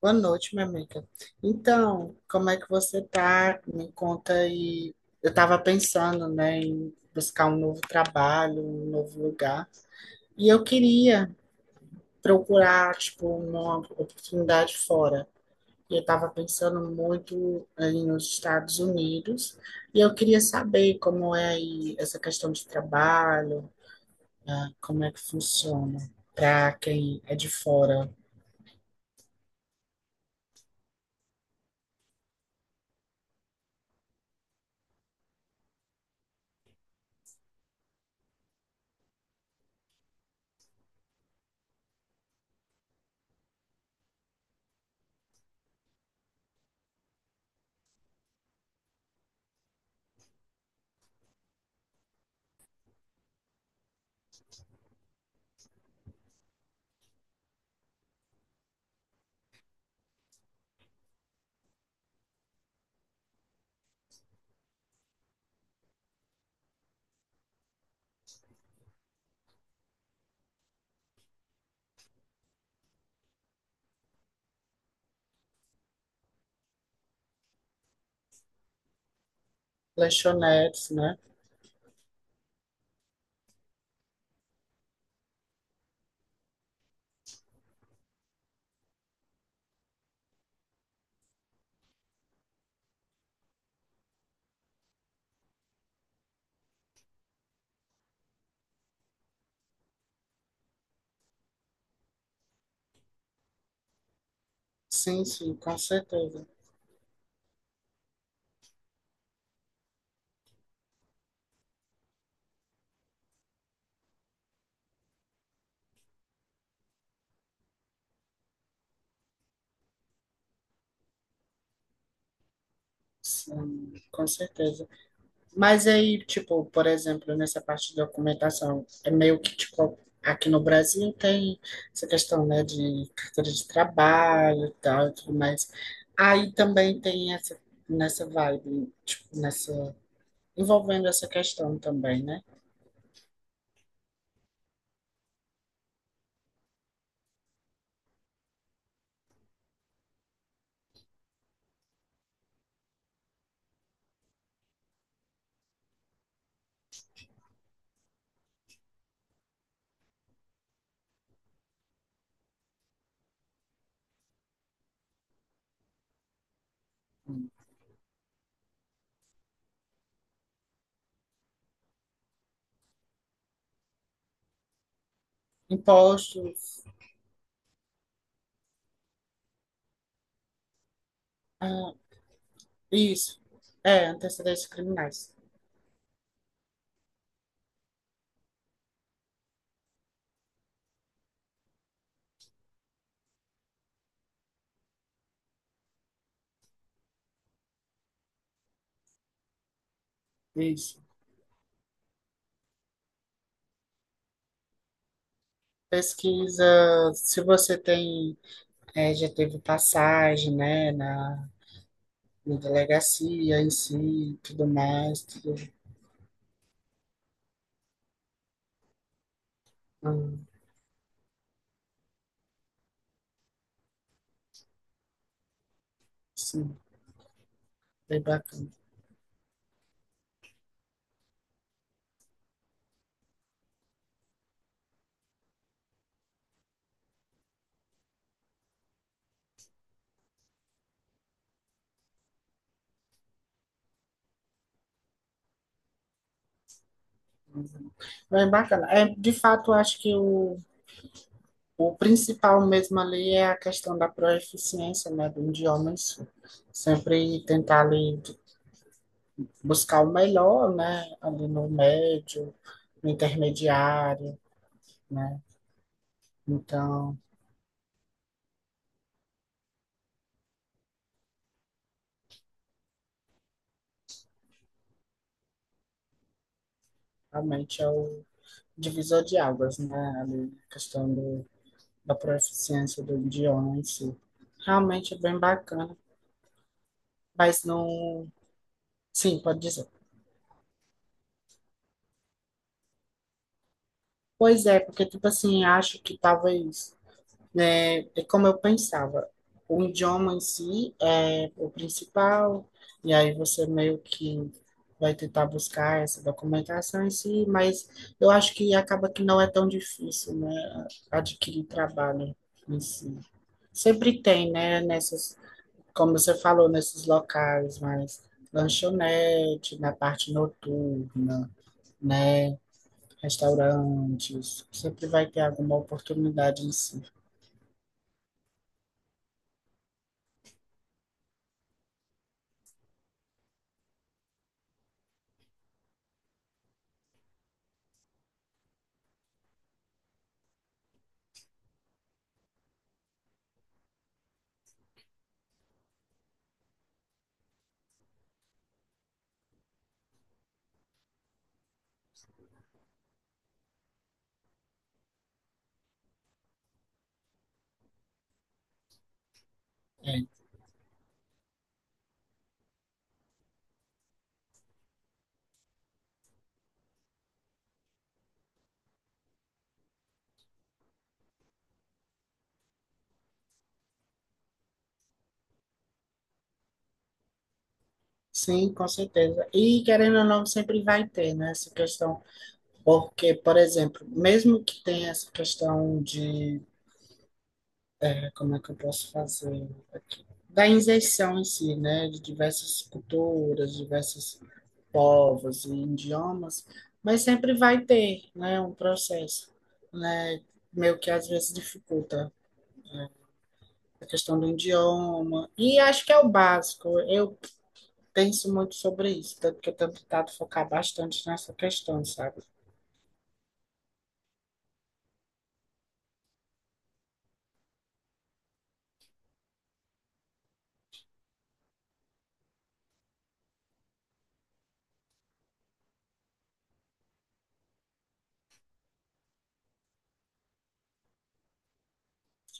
Boa noite, minha amiga. Então, como é que você tá? Me conta aí. Eu estava pensando, né, em buscar um novo trabalho, um novo lugar, e eu queria procurar, tipo, uma oportunidade fora. E eu estava pensando muito aí nos Estados Unidos, e eu queria saber como é aí essa questão de trabalho, né, como é que funciona para quem é de fora. Lanchonetes, né? Sim, sim, com certeza. Sim, com certeza. Mas aí, tipo, por exemplo, nessa parte de documentação, é meio que, tipo, aqui no Brasil tem essa questão, né, de carteira de trabalho e tal e tudo mais. Aí também tem essa, nessa vibe, tipo, nessa, envolvendo essa questão também, né? Impostos, ah, isso, é, antecedentes criminais, isso. Pesquisa, se você tem, é, já teve passagem, né, na delegacia em si, tudo mais, tudo, hum, sim, bem bacana. Bem bacana. É, de fato, eu acho que o principal mesmo ali é a questão da proeficiência, né, do idioma em si. Sempre tentar ali buscar o melhor, né, ali no médio, no intermediário, né. Então, realmente é o divisor de águas, né, ali, a questão do, da proeficiência do idioma em si. Realmente é bem bacana. Mas não. Sim, pode dizer. Pois é, porque, tipo assim, acho que talvez, né, é como eu pensava, o idioma em si é o principal, e aí você meio que vai tentar buscar essa documentação em si, mas eu acho que acaba que não é tão difícil, né, adquirir trabalho em si. Sempre tem, né, nessas, como você falou, nesses locais, mas lanchonete, na parte noturna, né? Restaurantes, sempre vai ter alguma oportunidade em si. É. Sim, com certeza. E querendo ou não, sempre vai ter, né, essa questão. Porque, por exemplo, mesmo que tenha essa questão de, é, como é que eu posso fazer aqui? Da inserção em si, né, de diversas culturas, diversos povos e idiomas, mas sempre vai ter, né, um processo, né, meio que às vezes dificulta, né, a questão do idioma. E acho que é o básico. Eu penso muito sobre isso, tanto que eu tenho tentado focar bastante nessa questão, sabe?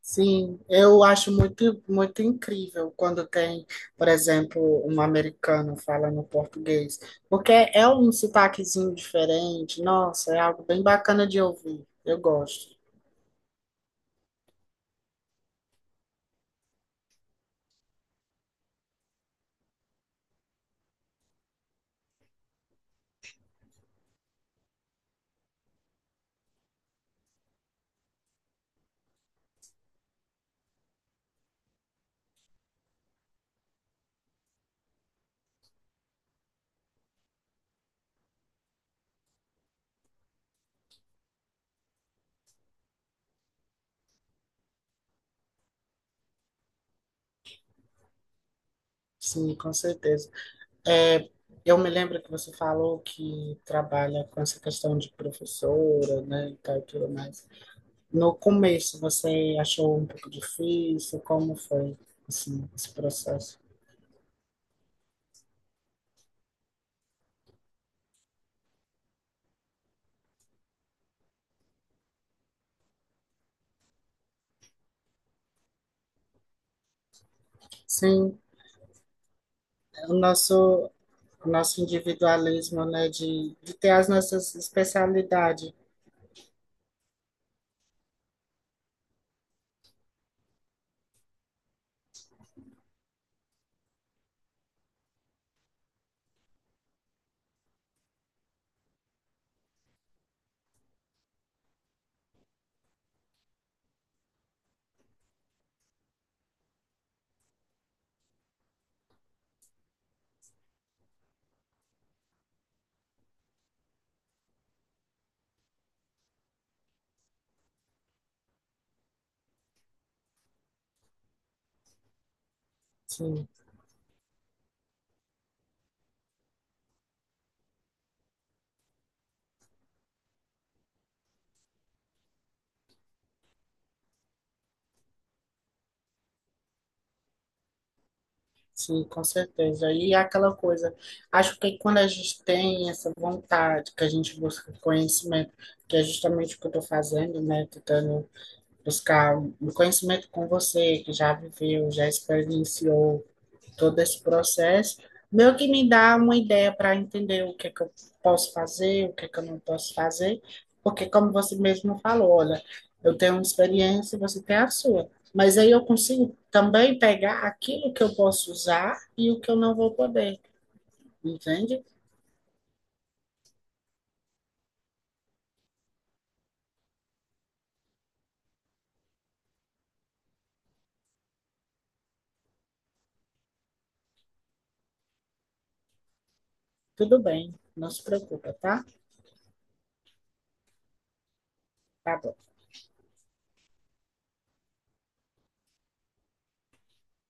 Sim, eu acho muito, muito incrível quando tem, por exemplo, um americano falando português, porque é um sotaquezinho diferente. Nossa, é algo bem bacana de ouvir. Eu gosto. Sim, com certeza. É, eu me lembro que você falou que trabalha com essa questão de professora, né, e tal, e tudo mais. No começo, você achou um pouco difícil? Como foi, assim, esse processo? Sim, o nosso, o nosso individualismo, né, de ter as nossas especialidades, sim, sim, com certeza. E é aquela coisa, acho que quando a gente tem essa vontade, que a gente busca conhecimento, que é justamente o que eu estou fazendo, né, tentando buscar um conhecimento com você, que já viveu, já experienciou, todo esse processo, meio que me dá uma ideia para entender o que é que eu posso fazer, o que é que eu não posso fazer, porque como você mesmo falou, olha, eu tenho uma experiência e você tem a sua. Mas aí eu consigo também pegar aquilo que eu posso usar e o que eu não vou poder, entende? Tudo bem, não se preocupa, tá? Tá bom.